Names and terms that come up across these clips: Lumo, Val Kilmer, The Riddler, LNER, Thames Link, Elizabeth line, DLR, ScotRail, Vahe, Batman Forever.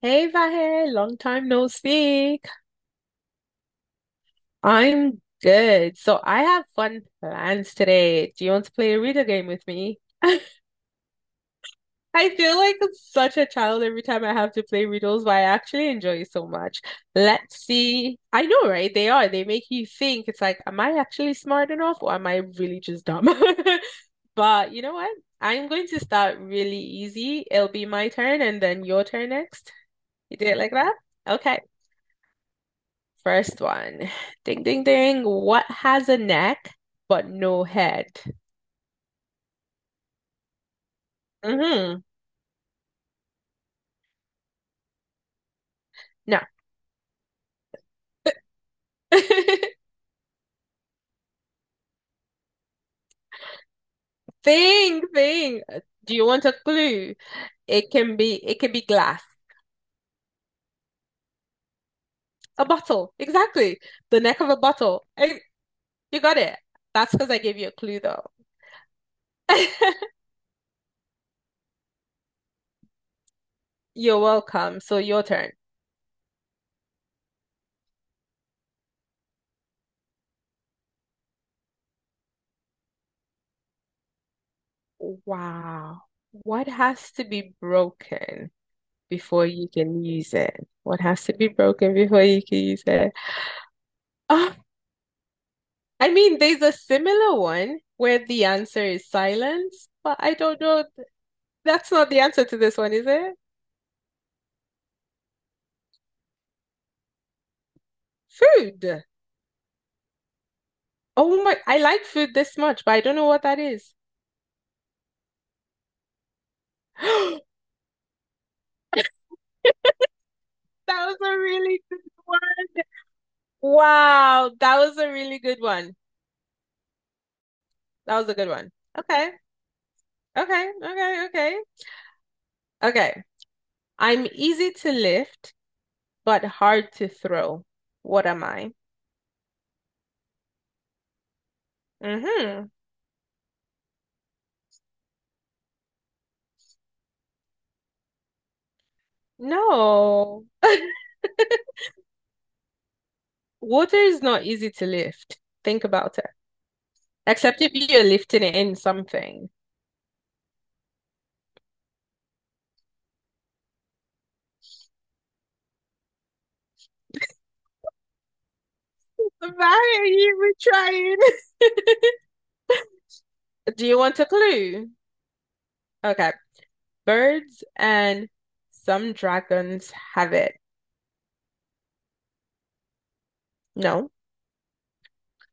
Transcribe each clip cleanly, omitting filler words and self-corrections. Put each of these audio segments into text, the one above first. Hey Vahe, long time no speak. I'm good. So I have fun plans today. Do you want to play a riddle game with me? I feel like such a child every time I have to play riddles, but I actually enjoy it so much. Let's see. I know, right? They are. They make you think. It's like, am I actually smart enough or am I really just dumb? But you know what? I'm going to start really easy. It'll be my turn and then your turn next. You do it like that? Okay. First one. Ding, ding, ding. What has a neck but no head? Mm-hmm. No. Thing, thing. Do you want a clue? It can be glass. A bottle. Exactly. The neck of a bottle. Eh, you got it. That's because I gave you a clue though. You're welcome. So your turn. Wow. What has to be broken before you can use it? What has to be broken before you can use it? Oh, I mean, there's a similar one where the answer is silence, but I don't know. That's not the answer to this one, is it? Food. Oh my, I like food this much, but I don't know what that is. That was a really good one. Wow, that was a really good one. That was a good one. Okay, okay. Okay. I'm easy to lift, but hard to throw. What am I? Mm-hmm. No. Water is not easy to lift. Think about it. Except if you're lifting it in something. Why are you even trying? Do you want a clue? Okay. Birds and some dragons have it. No.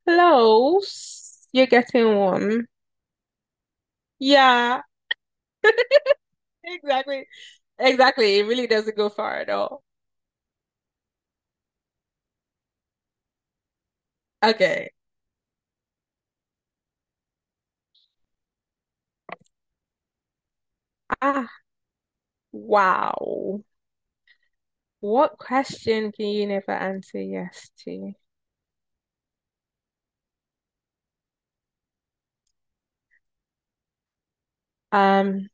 Close. You're getting warm. Yeah, exactly. Exactly. It really doesn't go far at all. Okay. Ah, wow. What question can you never answer yes to? Um,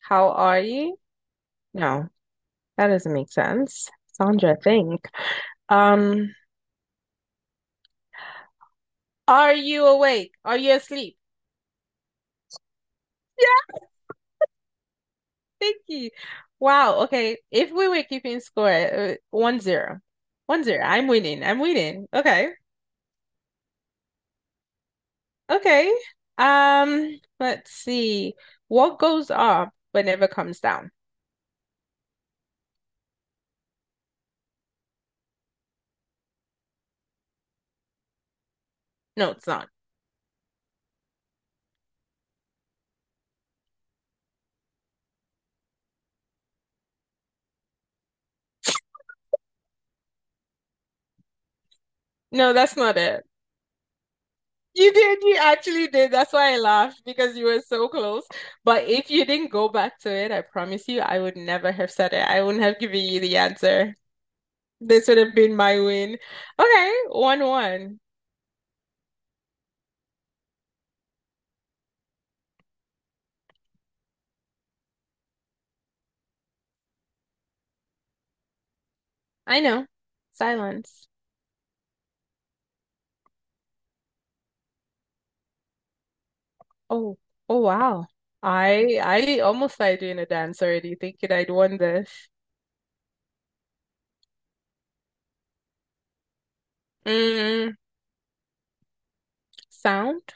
how are you? No. That doesn't make sense. Sandra, think. Um, are you awake? Are you asleep? Yeah, thank you. Wow. Okay. If we were keeping score, 1-0. 1-0. I'm winning. I'm winning. Okay. Okay. Let's see. What goes up but never comes down? No, it's not. No, that's not it. You did, you actually did. That's why I laughed because you were so close. But if you didn't go back to it, I promise you, I would never have said it. I wouldn't have given you the answer. This would have been my win. Okay, 1-1. I know. Silence. Oh, oh wow. I almost started doing a dance already, thinking I'd won this. Mm, sound?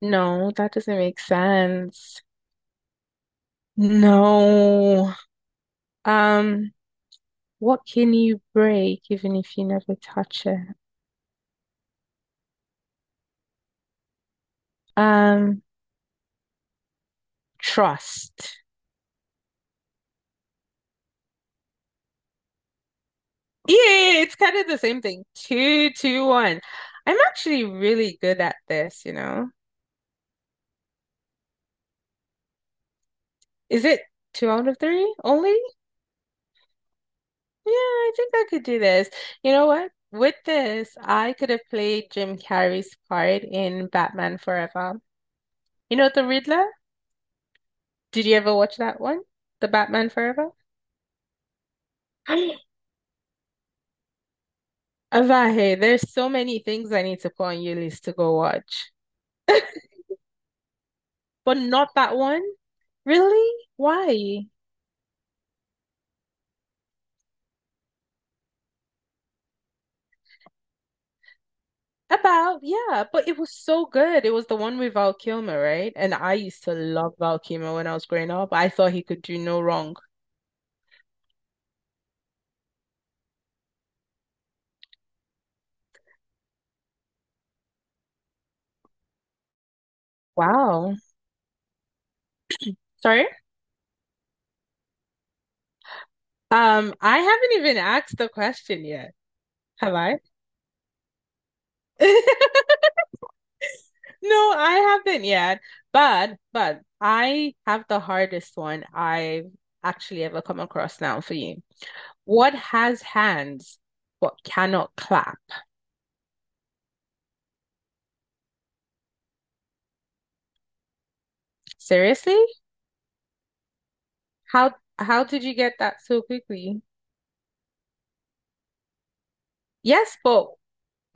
No, that doesn't make sense. No. Um, what can you break even if you never touch it? Um, trust. Yeah, it's kind of the same thing. Two, two, one. I'm actually really good at this, you know. Is it two out of three only? Yeah, I think I could do this. You know what? With this, I could have played Jim Carrey's part in Batman Forever. You know, The Riddler? Did you ever watch that one? The Batman Forever? Avahe, there's so many things I need to put on your list to go watch. But not that one. Really? Why? About, yeah, but it was so good. It was the one with Val Kilmer, right? And I used to love Val Kilmer when I was growing up. I thought he could do no wrong. Wow. Sorry? I haven't even asked the question yet, have I? No, I haven't yet. But I have the hardest one I've actually ever come across now for you. What has hands but cannot clap? Seriously? How how did you get that so quickly? Yes, but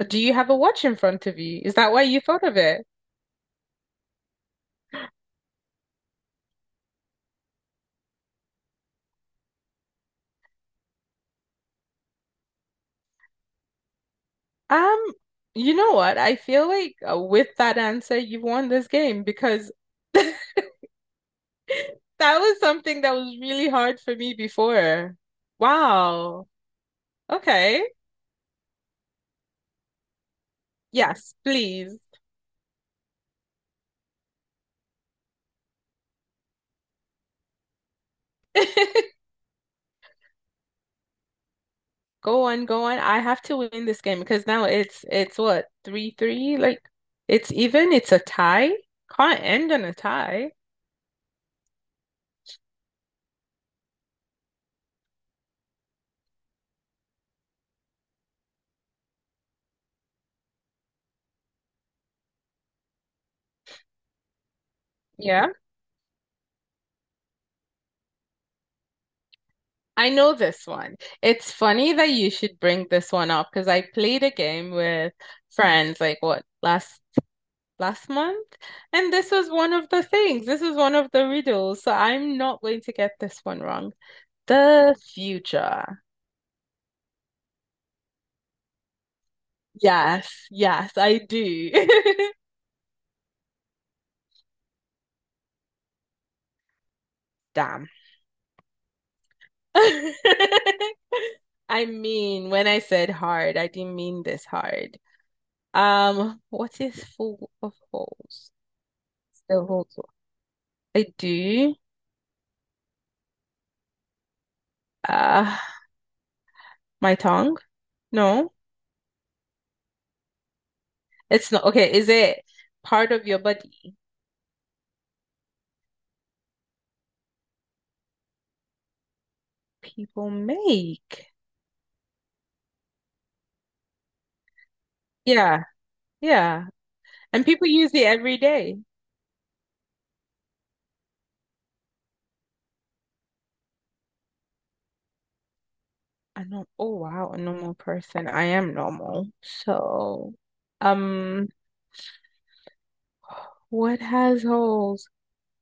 do you have a watch in front of you? Is that why you thought of it? Um, you know what? I feel like with that answer, you've won this game because that was something that was really hard for me before. Wow. Okay. Yes, please. Go on, go on. I have to win this game because now it's what, three three? Like it's even, it's a tie. Can't end on a tie. Yeah. I know this one. It's funny that you should bring this one up because I played a game with friends like what last month, and this was one of the things. This was one of the riddles, so I'm not going to get this one wrong. The future. Yes, yes, I do. Damn. I mean, when I said hard, I didn't mean this hard. What is full of holes? Still holds. I do. Uh, my tongue? No, it's not. Okay, is it part of your body? People make. Yeah, yeah. And people use it every day. I know. Oh, wow. A normal person. I am normal. So, um, what has holes?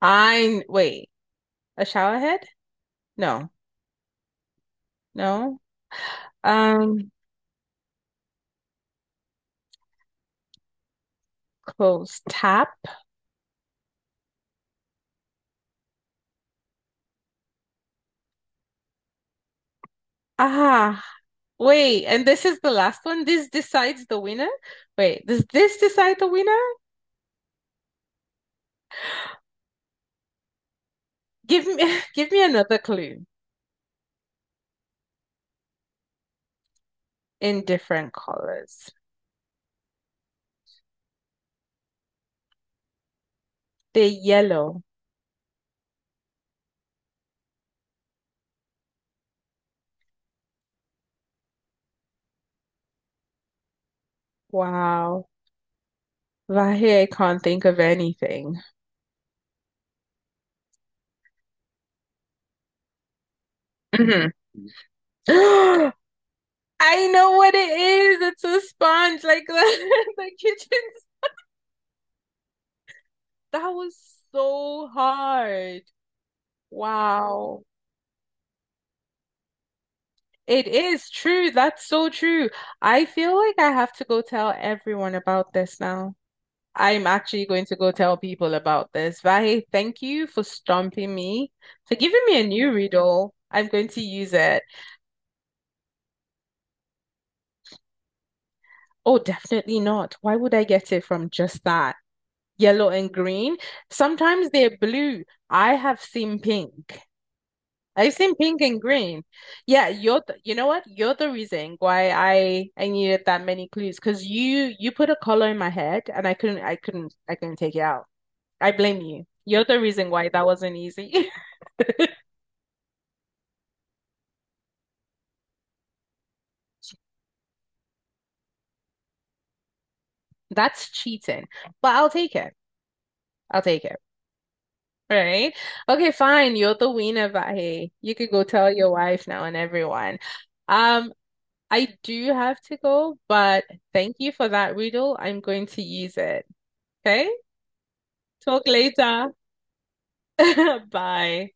I, wait, a shower head? No, no. Um, close tap. Ah, wait. And this is the last one. This decides the winner. Wait, does this decide the winner? Give me give me another clue in different colors. They're yellow. Wow. Vahe, I can't think of anything. Hmm. I know what it is. It's a sponge, like the, the kitchen. That was so hard. Wow. It is true. That's so true. I feel like I have to go tell everyone about this now. I'm actually going to go tell people about this. Vahe, thank you for stomping me, for giving me a new riddle. I'm going to use it. Oh, definitely not. Why would I get it from just that? Yellow and green. Sometimes they're blue. I have seen pink. I've seen pink and green. Yeah, you're the, you know what? You're the reason why I needed that many clues because you put a color in my head and I couldn't take it out. I blame you. You're the reason why that wasn't easy. That's cheating. But I'll take it. I'll take it. Right? Okay, fine. You're the winner, but hey, you could go tell your wife now and everyone. Um, I do have to go, but thank you for that riddle. I'm going to use it. Okay? Talk later. Bye.